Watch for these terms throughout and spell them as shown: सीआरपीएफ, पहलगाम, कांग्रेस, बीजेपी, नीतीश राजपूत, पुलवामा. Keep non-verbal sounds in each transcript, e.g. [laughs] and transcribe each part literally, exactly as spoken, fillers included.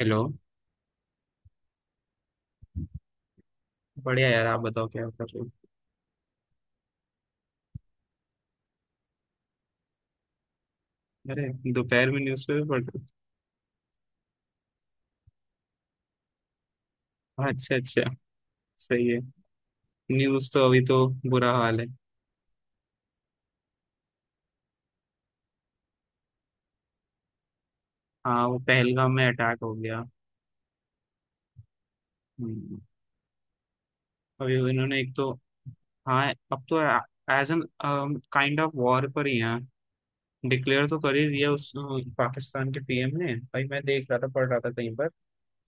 Hello. बढ़िया यार, आप बताओ क्या कर रहे हो? अरे। दोपहर में न्यूज़पेपर पढ़ रहे हो? हाँ, अच्छा अच्छा। सही है। न्यूज़ तो अभी तो बुरा हाल है। हाँ, वो पहलगाम में अटैक हो गया। हम्म, अभी वो इन्होंने एक तो, हाँ, अब तो as an kind of war पर ही है। डिक्लेयर तो कर ही दिया उस पाकिस्तान के पी एम ने। भाई मैं देख रहा था, पढ़ रहा था कहीं पर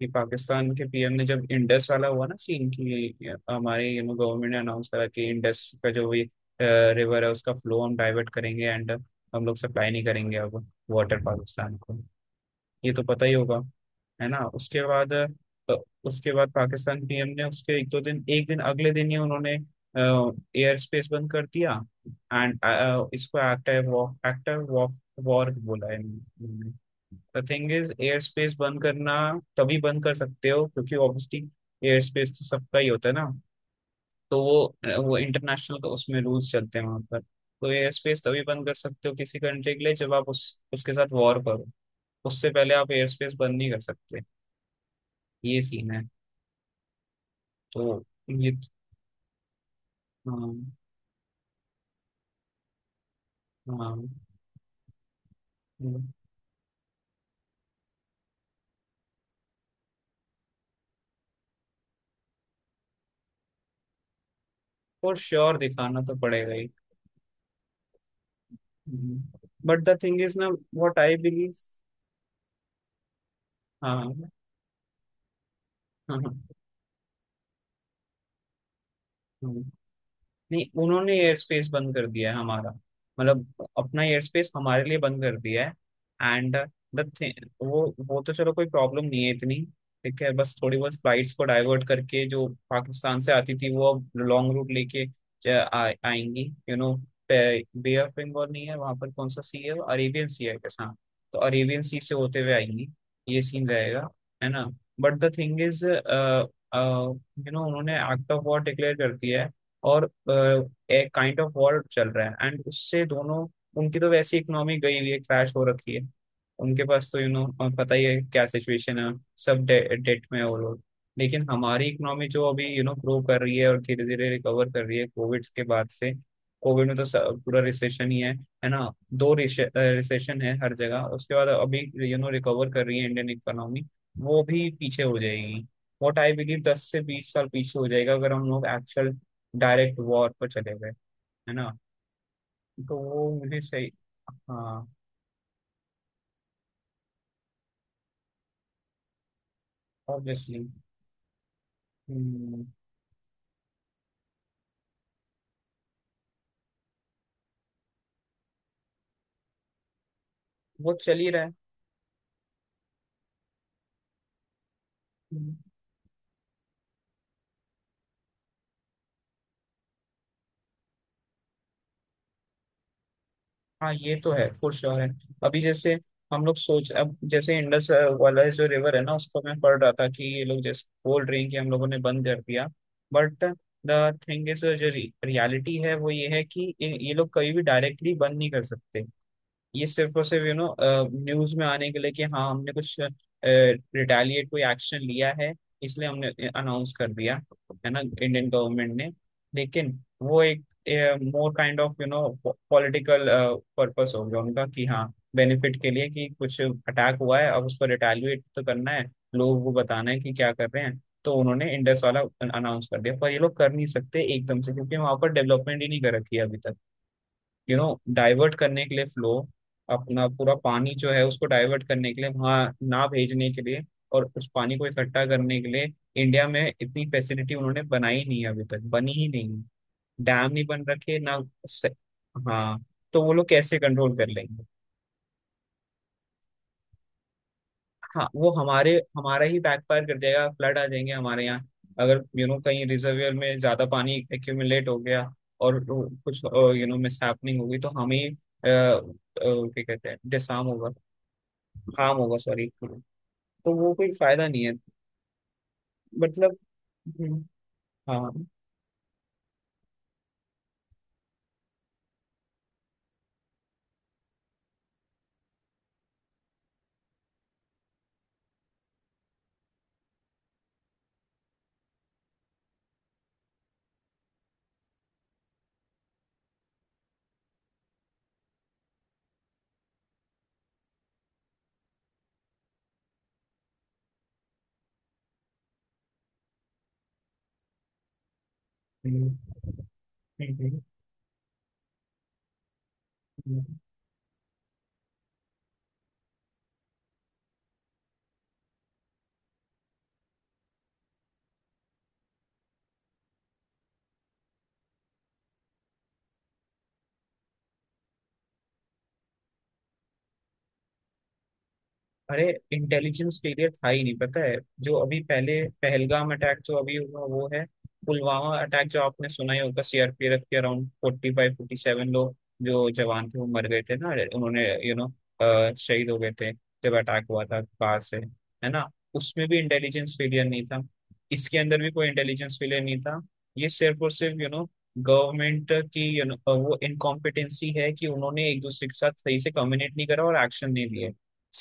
कि पाकिस्तान के पी एम ने, जब इंडस वाला हुआ ना सीन, कि हमारे ये गवर्नमेंट ने अनाउंस करा कि इंडस का जो भी रिवर है उसका फ्लो हम डाइवर्ट करेंगे एंड हम लोग सप्लाई नहीं करेंगे अब वाटर पाकिस्तान को। ये तो पता ही होगा, है ना? उसके बाद अ, उसके बाद पाकिस्तान पी एम ने उसके एक दो दिन, एक दिन अगले दिन ही उन्होंने एयर स्पेस बंद कर दिया एंड इसको active war, active war, war बोला है इन्होंने। The thing is air space बंद करना तभी बंद कर सकते हो क्योंकि ऑब्वियसली एयर स्पेस तो सबका ही होता है ना। तो वो वो इंटरनेशनल का, उसमें रूल्स चलते हैं वहां पर। तो एयर स्पेस तभी बंद कर सकते हो किसी कंट्री के लिए जब आप उस उसके साथ वॉर करो। उससे पहले आप एयर स्पेस बंद नहीं कर सकते। ये सीन है। तो, ये तो, हाँ हाँ, फॉर श्योर दिखाना तो पड़ेगा ही। बट द थिंग इज ना, व्हाट आई बिलीव। हाँ हाँ हाँ, नहीं उन्होंने एयर स्पेस बंद कर दिया है हमारा, मतलब, अपना एयर स्पेस हमारे लिए बंद कर दिया है एंड द थिंग, वो वो तो चलो कोई प्रॉब्लम नहीं है इतनी। ठीक है, बस थोड़ी बहुत फ्लाइट्स को डाइवर्ट करके जो पाकिस्तान से आती थी वो अब लॉन्ग रूट लेके ज- आ, आएंगी। You know, bay of Bengal नहीं है वहां पर, कौन सा सी है? अरेबियन सी है कैसा? तो अरेबियन सी से होते हुए आएंगी। ये सीन रहेगा, है ना? But the thing is, you know, उन्होंने एक्ट ऑफ वॉर डिक्लेयर कर दिया है और अ, एक काइंड ऑफ वॉर चल रहा है एंड उससे दोनों, उनकी तो वैसी इकोनॉमी गई हुई है, क्रैश हो रखी है। उनके पास तो, यू नो, पता ही है क्या सिचुएशन है। सब डे, डेट में है वो लोग। लेकिन हमारी इकोनॉमी जो अभी यू नो ग्रो कर रही है और धीरे धीरे रिकवर कर रही है कोविड के बाद से। कोविड में तो सब- पूरा रिसेशन ही है है ना। दो रिसेशन है हर जगह, उसके बाद अभी यू नो रिकवर कर रही है इंडियन इकोनॉमी। वो भी पीछे हो जाएगी। वॉट आई बिलीव दस से बीस साल पीछे हो जाएगा अगर हम लोग एक्चुअल डायरेक्ट वॉर पर चले गए, है ना। तो वो मुझे सही, हाँ ऑब्वियसली। वो चल ही रहा है। हम्म, हाँ, ये तो है, फॉर श्योर है। अभी जैसे हम लोग सोच, अब जैसे इंडस वाला जो रिवर है ना, उसको मैं पढ़ रहा था कि ये लोग जैसे कोल्ड ड्रिंक हम लोगों ने बंद कर दिया। बट द थिंग इज, जो रियलिटी है वो ये है कि ये ये लोग कभी भी डायरेक्टली बंद नहीं कर सकते। ये सिर्फ और सिर्फ यू नो न्यूज में आने के लिए कि हाँ, हमने कुछ रिटेलिएट, कोई एक्शन लिया है, इसलिए हमने अनाउंस कर दिया, है ना, इंडियन गवर्नमेंट ने। लेकिन वो एक more kind of, you know, political purpose हो गया उनका कि हाँ, बेनिफिट के लिए कि कुछ अटैक हुआ है, अब उसको रिटेलिएट तो करना है, लोगों को बताना है कि क्या कर रहे हैं, तो उन्होंने इंडस वाला अनाउंस कर दिया, पर ये लोग कर नहीं सकते एकदम से क्योंकि वहां पर डेवलपमेंट ही नहीं कर रखी है अभी तक, यू नो, डाइवर्ट करने के लिए फ्लो, अपना पूरा पानी जो है उसको डाइवर्ट करने के लिए, वहां ना भेजने के लिए और उस पानी को इकट्ठा करने के लिए इंडिया में इतनी फैसिलिटी उन्होंने बनाई नहीं है अभी तक, बनी ही नहीं। डैम नहीं बन रखे ना। से- हाँ, तो वो लोग कैसे कंट्रोल कर लेंगे। हाँ, वो हमारे हमारा ही बैकफायर कर जाएगा, फ्लड आ जाएंगे हमारे यहाँ अगर यू नो कहीं रिजर्वियर में ज्यादा पानी एक्यूमुलेट हो गया और वो कुछ यू नो मिस होगी, तो हमें अ, अ, क्या कहते हैं, डिसार्म होगा, हार्म होगा, सॉरी। तो वो कोई फायदा नहीं है, मतलब। हम्म, हाँ, हम्म, हम्म, हम्म, हम्म। अरे इंटेलिजेंस फेलियर था ही नहीं, पता है। जो अभी पहले पहलगाम अटैक जो अभी हुआ वो है, पुलवामा अटैक जो आपने सुना ही होगा, सी आर पी एफ के around forty five forty seven लोग जो जवान थे वो मर गए थे ना। उन्होंने, यू नो, शहीद हो गए थे जब अटैक हुआ था कार से, है ना। उसमें भी इंटेलिजेंस फेलियर नहीं था, इसके अंदर भी कोई इंटेलिजेंस फेलियर नहीं था। ये सिर्फ और सिर्फ, यू नो, गवर्नमेंट की, यू नो, वो इनकॉम्पिटेंसी है कि उन्होंने एक दूसरे के साथ सही से कम्युनिकेट नहीं करा और एक्शन नहीं लिए,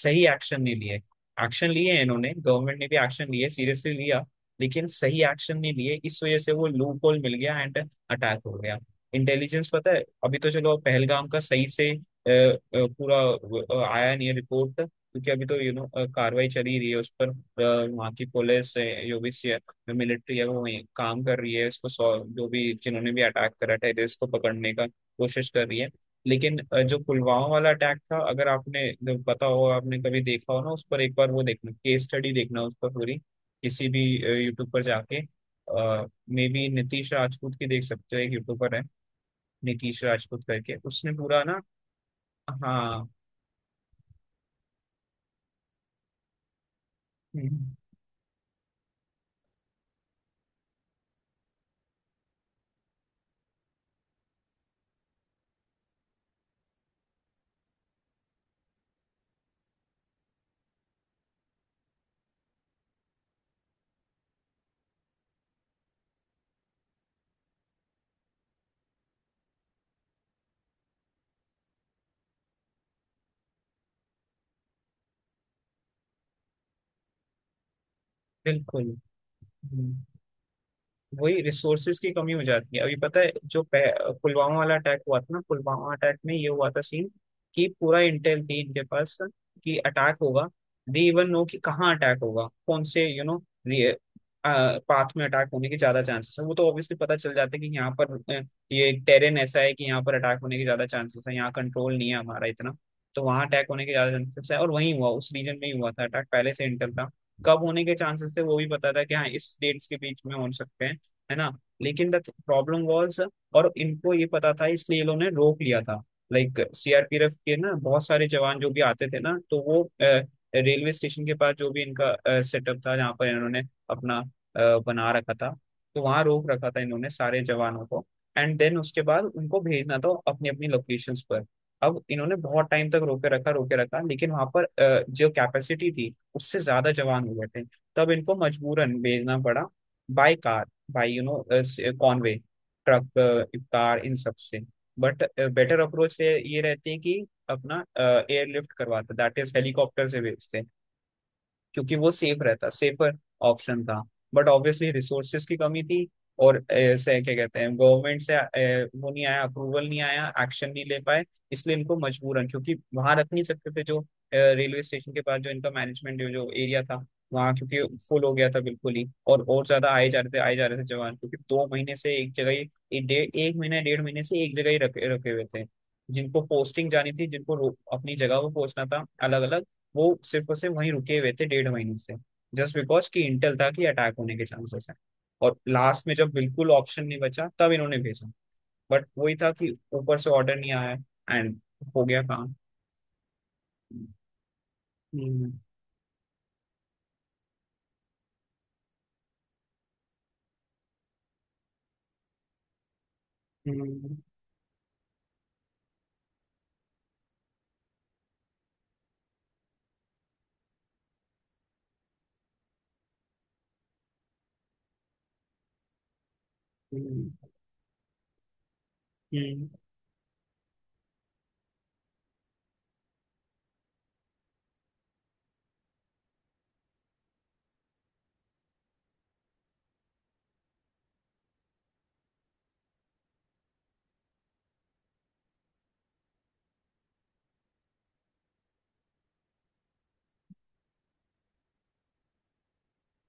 सही एक्शन नहीं लिए। एक्शन लिए हैं इन्होंने, गवर्नमेंट ने भी एक्शन लिए, सीरियसली लिया। लेकिन सही एक्शन नहीं लिए, इस वजह से वो लूप होल मिल गया एंड अटैक हो गया। इंटेलिजेंस, पता है, अभी तो चलो पहलगाम का सही से अ, अ, पूरा अ, आया नहीं है रिपोर्ट, क्योंकि अभी तो यू नो कार्रवाई चली रही है उस पर, अ, वहाँ की पुलिस है, जो भी मिलिट्री है वो वहीं काम कर रही है, इसको सॉ- जो भी, जिन्होंने भी अटैक करा टेररिस्ट को पकड़ने का कोशिश कर रही है। लेकिन अ, जो पुलवामा वाला अटैक था, अगर आपने, जब पता हो, आपने कभी देखा हो ना उस पर, एक बार वो देखना, केस स्टडी देखना, उस पर पूरी किसी भी यूट्यूब पर जाके, मे बी नीतीश राजपूत की देख सकते हो, एक यूट्यूबर है नीतीश राजपूत करके, उसने पूरा ना। हाँ, हम्म, बिल्कुल। वही रिसोर्सेज की कमी हो जाती है, अभी पता है जो पह- पुलवामा वाला अटैक हुआ था ना, पुलवामा अटैक में ये हुआ था सीन कि पूरा इंटेल थी इनके पास कि अटैक होगा। दे इवन नो कि कहाँ अटैक होगा, कौन से, यू नो, पाथ में अटैक होने के ज्यादा चांसेस है, वो तो ऑब्वियसली पता चल जाता है कि यहाँ पर अ, ये टेरेन ऐसा है कि यहाँ पर अटैक होने के ज्यादा चांसेस है, यहाँ कंट्रोल नहीं है हमारा इतना। तो वहाँ अटैक होने के ज्यादा चांसेस है, और वहीं हुआ, उस रीजन में ही हुआ था अटैक, पहले से इंटेल था कब होने के चांसेस थे, वो भी पता था कि हाँ इस डेट्स के बीच में हो सकते हैं, है ना। लेकिन द प्रॉब्लम वाज, और इनको ये पता था इसलिए ये लोगों ने रोक लिया था, like C R P F के ना बहुत सारे जवान जो भी आते थे ना, तो वो रेलवे स्टेशन के पास, जो भी इनका सेटअप था, जहाँ पर इन्होंने अपना अ, बना रखा था, तो वहां रोक रखा था इन्होंने सारे जवानों को। एंड देन उसके बाद उनको भेजना था अपनी अपनी लोकेशंस पर। अब इन्होंने बहुत टाइम तक रोके रखा, रोके रखा, लेकिन वहां पर अ, जो कैपेसिटी थी उससे ज्यादा जवान हो गए थे। तब इनको मजबूरन भेजना पड़ा, by car, by you know uh, s- uh, Conway, truck, इफ्तार, इन सब से। बट बेटर अप्रोच ये रहती है कि अपना एयरलिफ्ट करवाते, दैट इज हेलीकॉप्टर से भेजते, क्योंकि वो सेफ रहता, सेफर ऑप्शन था। बट ऑब्वियसली रिसोर्सेज की कमी थी, और ऐसे क्या कहते हैं, गवर्नमेंट से अ, वो नहीं आया, अप्रूवल नहीं आया, एक्शन नहीं ले पाए। इसलिए इनको मजबूरन, क्योंकि वहां रख नहीं सकते थे, जो रेलवे स्टेशन के पास जो इनका मैनेजमेंट, जो, जो एरिया था वहाँ, क्योंकि फुल हो गया था बिल्कुल ही, और और ज्यादा आए जा रहे थे, आए जा रहे थे जवान, क्योंकि दो महीने से एक जगह ही, एक डेढ़, एक महीना, डेढ़ महीने से एक जगह ही रखे रखे हुए थे, जिनको पोस्टिंग जानी थी, जिनको रो- अपनी जगह पर पहुंचना था, अलग अलग। वो सिर्फ और सिर्फ वहीं रुके हुए थे डेढ़ महीने से, जस्ट बिकॉज कि इंटेल था कि अटैक होने के चांसेस हैं। और लास्ट में जब बिल्कुल ऑप्शन नहीं बचा तब इन्होंने भेजा। बट वही था कि ऊपर से ऑर्डर नहीं आया एंड हो गया काम। हम्म, हम्म, हम्म, हम्म।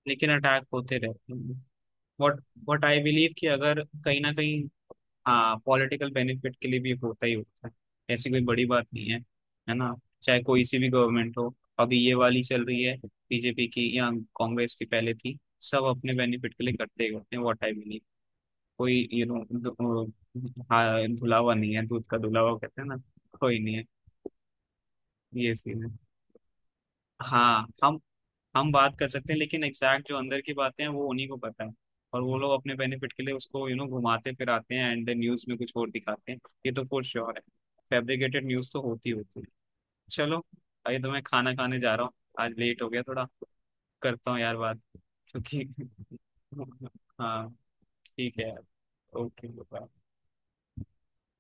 लेकिन अटैक होते रहते हैं। वट वट आई बिलीव कि अगर कहीं ना कहीं, हाँ, पॉलिटिकल बेनिफिट के लिए भी होता ही होता है। ऐसी कोई बड़ी बात नहीं है, है ना। चाहे कोई सी भी गवर्नमेंट हो, अभी ये वाली चल रही है बी जे पी की, या कांग्रेस की पहले थी, सब अपने बेनिफिट के लिए करते ही होते हैं। वो टाइम नहीं, कोई यू नो, हाँ, धुलावा नहीं है, दूध का धुलावा कहते हैं ना, कोई नहीं है। ये सीन है। हाँ, हम हम बात कर सकते हैं, लेकिन एग्जैक्ट जो अंदर की बातें हैं वो उन्हीं को पता है, और वो लोग अपने बेनिफिट के लिए उसको, यू नो, घुमाते फिराते हैं एंड न्यूज में कुछ और दिखाते हैं। ये तो फॉर श्योर है, फैब्रिकेटेड न्यूज तो होती होती है। चलो, अभी तो मैं खाना खाने जा रहा हूँ, आज लेट हो गया थोड़ा, करता हूँ यार बात, क्योंकि [laughs] हाँ, ठीक है यार। Okay bye.